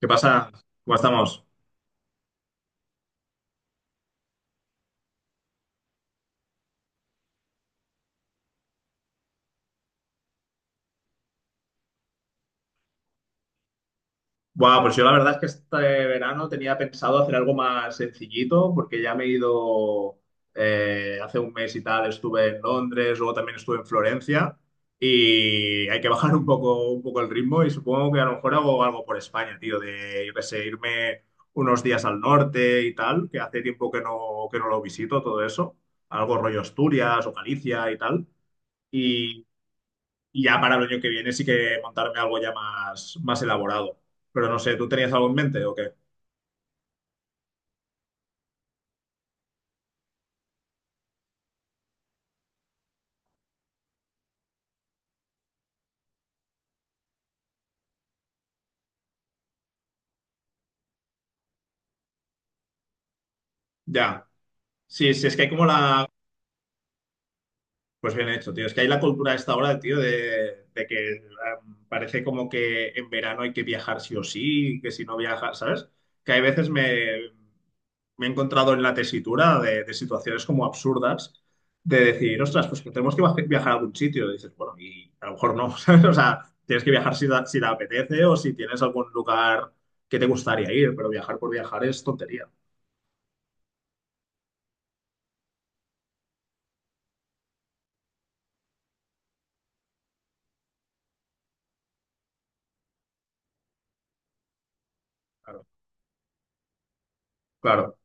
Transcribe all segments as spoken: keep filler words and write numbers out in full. ¿Qué pasa? ¿Cómo estamos? Buah, pues yo la verdad es que este verano tenía pensado hacer algo más sencillito, porque ya me he ido eh, hace un mes y tal, estuve en Londres, luego también estuve en Florencia, y hay que bajar un poco, un poco el ritmo, y supongo que a lo mejor hago algo por España, tío, de yo qué sé, irme unos días al norte y tal, que hace tiempo que no, que no lo visito, todo eso, algo rollo Asturias o Galicia y tal. y Y ya para el año que viene sí que montarme algo ya más, más elaborado. Pero no sé, ¿tú tenías algo en mente o qué? Ya. Sí, sí, es que hay como la... Pues bien hecho, tío. Es que hay la cultura a esta hora, tío, de, de que em, parece como que en verano hay que viajar sí o sí, que si no viajas, ¿sabes? Que hay veces me, me he encontrado en la tesitura de, de situaciones como absurdas de decir, ostras, pues que tenemos que baje- viajar a algún sitio. Y dices, bueno, y a lo mejor no, ¿sabes? O sea, tienes que viajar si, da- si te apetece o si tienes algún lugar que te gustaría ir, pero viajar por viajar es tontería. Claro, claro,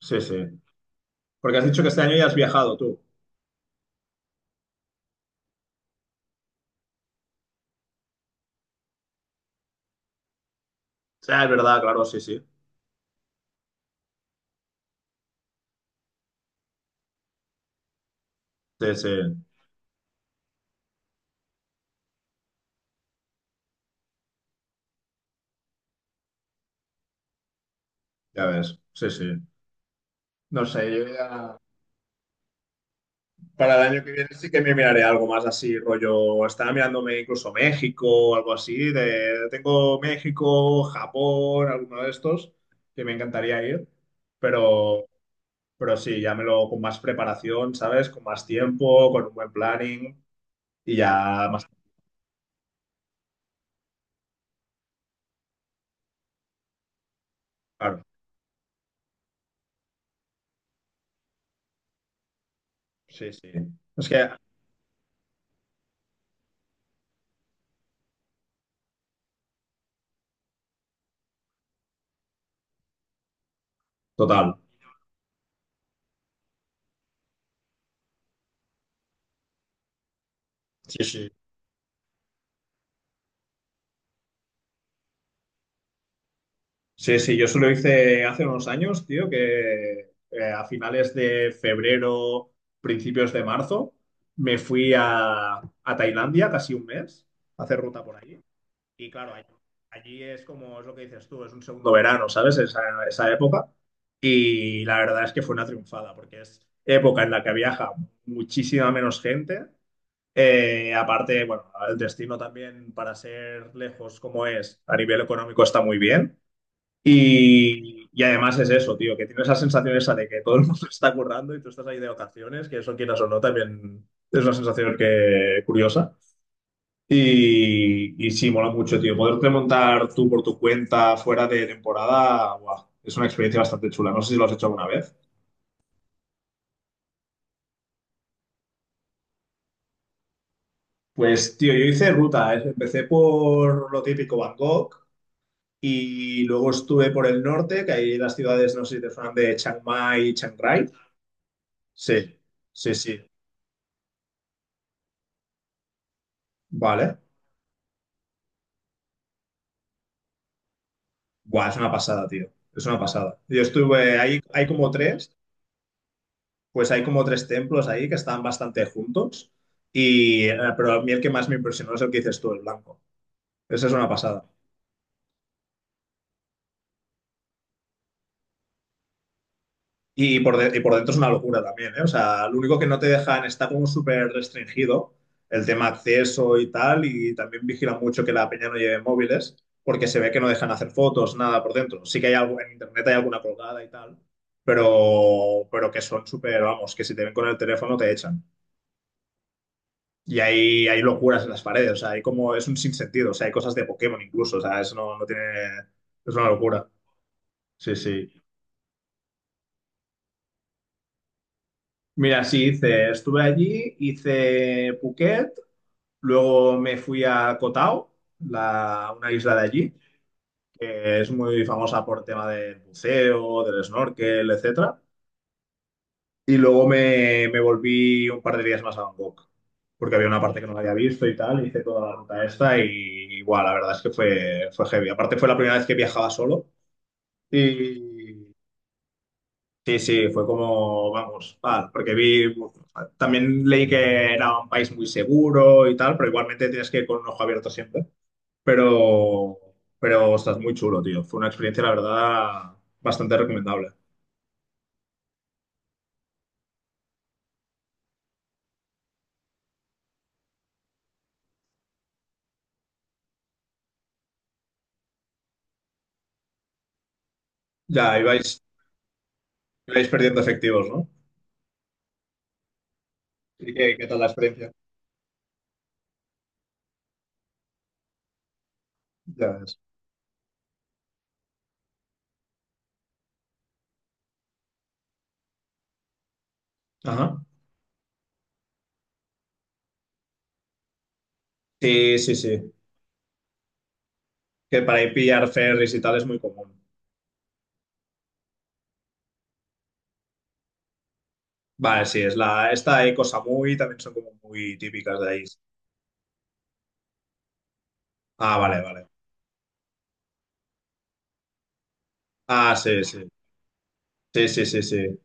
sí, sí. Porque has dicho que este año ya has viajado tú. Ah, es verdad, claro, sí, sí. Sí, sí, ya ves. Sí, sí. No sé, yo ya para el año que viene sí que me miraré algo más así, rollo. Estaba mirándome incluso México o algo así. De... Tengo México, Japón, alguno de estos que me encantaría ir. Pero, pero sí, ya me lo con más preparación, ¿sabes? Con más tiempo, con un buen planning y ya más claro. Sí, sí. Es que, total. Sí, sí. Sí, sí, yo solo hice hace unos años, tío, que eh, a finales de febrero, principios de marzo, me fui a, a Tailandia casi un mes a hacer ruta por allí. Y claro, allí, allí es como es lo que dices tú, es un segundo verano, ¿sabes? Esa, esa época. Y la verdad es que fue una triunfada, porque es época en la que viaja muchísima menos gente. Eh, aparte, bueno, el destino también, para ser lejos como es, a nivel económico está muy bien. Y, y además es eso, tío, que tienes la sensación esa de que todo el mundo está currando y tú estás ahí de vacaciones, que eso quieras o no, también es una sensación que curiosa. Y, y sí, mola mucho, tío. Poderte montar tú por tu cuenta fuera de temporada, guau, es una experiencia bastante chula. No sé si lo has hecho alguna vez. Pues, tío, yo hice ruta, ¿eh? Empecé por lo típico Bangkok y luego estuve por el norte, que hay las ciudades, no sé si te suenan, de Chiang Mai y Chiang Rai. Sí, sí, sí. Vale. Buah, es una pasada, tío. Es una pasada. Yo estuve ahí, hay como tres, pues hay como tres templos ahí que están bastante juntos. Y, eh, pero a mí el que más me impresionó es el que dices tú, el blanco. Esa es una pasada. Y por, de- y por dentro es una locura también, ¿eh? O sea, lo único que no te dejan, está como súper restringido el tema acceso y tal, y también vigilan mucho que la peña no lleve móviles, porque se ve que no dejan hacer fotos, nada por dentro. Sí que hay algo, en internet hay alguna colgada y tal, pero, pero que son súper, vamos, que si te ven con el teléfono te echan. Y hay, hay locuras en las paredes, o sea, hay como, es un sinsentido, o sea, hay cosas de Pokémon incluso, o sea, eso no, no tiene, es una locura. Sí, sí. Mira, sí, hice, estuve allí, hice Phuket. Luego me fui a Koh Tao, la, una isla de allí, que es muy famosa por tema del buceo, del snorkel, etcétera. Y luego me, me volví un par de días más a Bangkok, porque había una parte que no había visto y tal, hice toda la ruta esta y igual, la verdad es que fue, fue heavy. Aparte fue la primera vez que viajaba solo y sí, sí, fue como, vamos, tal, porque vi, también leí que era un país muy seguro y tal, pero igualmente tienes que ir con un ojo abierto siempre. pero, pero estás muy chulo, tío. Fue una experiencia, la verdad, bastante recomendable. Ya, ibais, ibais perdiendo efectivos, ¿no? ¿Y qué, qué tal la experiencia? Ya ves. Ajá. Sí, sí, sí. Que para ir pillar ferries y tal es muy común. Vale, sí, es la, esta y cosa muy también son como muy típicas de ahí. Ah, vale, vale. Ah, sí, sí. Sí, sí, sí, sí.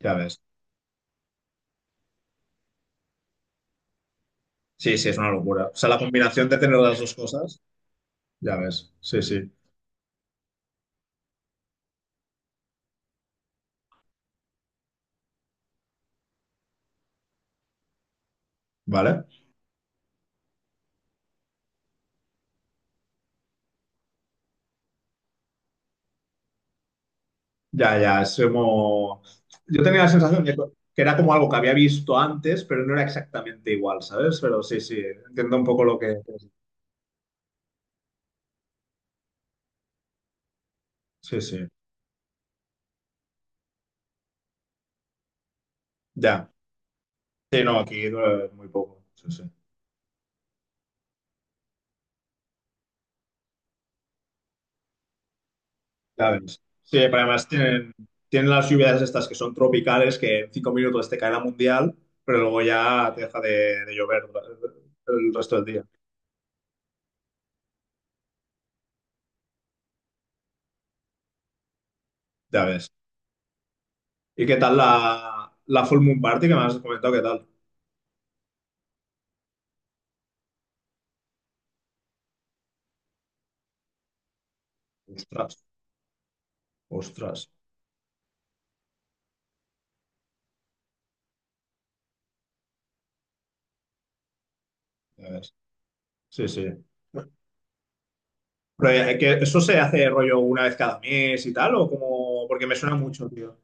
Ya ves. Sí, sí, es una locura. O sea, la combinación de tener las dos cosas, ya ves. Sí, sí. Vale. Ya, ya, es como... Yo tenía la sensación de que era como algo que había visto antes, pero no era exactamente igual, ¿sabes? Pero sí, sí, entiendo un poco lo que... Sí, sí, ya. Sí, no, aquí dura muy poco. Sí, sí. Ya ves. Sí, pero además tienen, tienen las lluvias estas que son tropicales, que en cinco minutos te cae la mundial, pero luego ya te deja de, de llover dura- el resto del día. Ya ves. ¿Y qué tal la, la Full Moon Party que me has comentado? ¿Qué tal? Ostras, ostras. Ya ves. Sí, sí. Pero, eh, que ¿eso se hace rollo una vez cada mes y tal? ¿O como...? Porque me suena mucho, tío.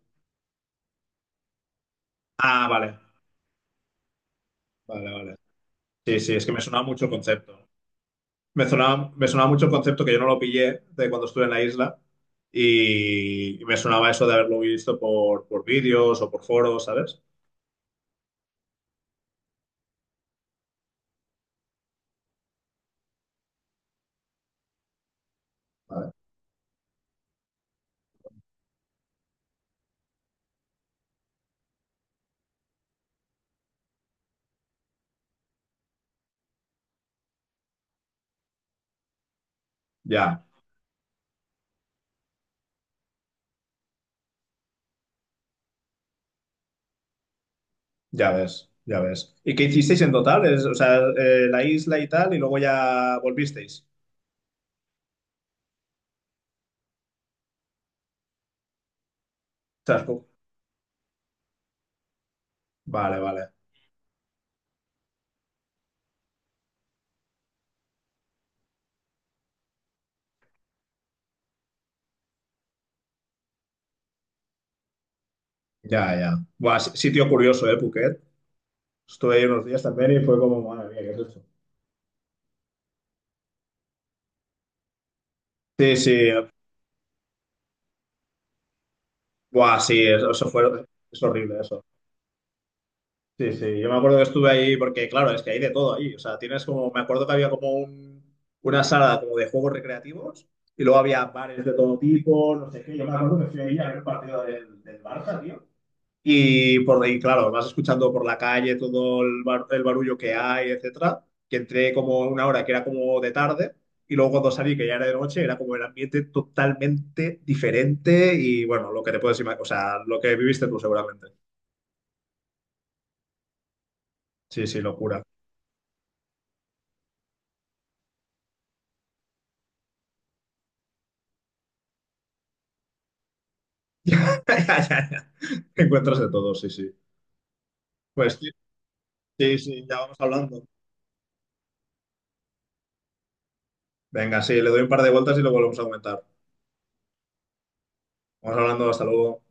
Ah, vale, vale, vale. Sí, sí, es que me sonaba mucho el concepto. Me sonaba, me sonaba mucho el concepto que yo no lo pillé de cuando estuve en la isla y y me sonaba eso de haberlo visto por, por vídeos o por foros, ¿sabes? Vale. Ya, ya ves, ya ves. ¿Y qué hicisteis en total? Es- o sea, eh, la isla y tal, y luego ya volvisteis. Ostras, pu- Vale, vale. Ya, ya. Buah, si- sitio curioso, ¿eh, Phuket? Estuve ahí unos días también y fue como, madre mía, ¿qué es esto? Sí, sí, buah, sí, eso, fue, es horrible eso. Sí, sí, yo me acuerdo que estuve ahí porque, claro, es que hay de todo ahí. O sea, tienes como, me acuerdo que había como un, una sala como de juegos recreativos y luego había bares de todo tipo, no sé qué. Yo me acuerdo que fui ahí a ver un partido del, del Barça, tío. Y por ahí, claro, vas escuchando por la calle todo el, bar- el barullo que hay, etcétera. Que entré como una hora que era como de tarde y luego cuando salí, que ya era de noche, era como el ambiente totalmente diferente y bueno, lo que te puedes imaginar, o sea, lo que viviste tú seguramente. Sí, sí, locura. Ya, ya, ya. Encuentras de todo, sí, sí. Pues sí, sí, sí, ya vamos hablando. Venga, sí, le doy un par de vueltas y lo volvemos a aumentar. Vamos hablando, hasta luego.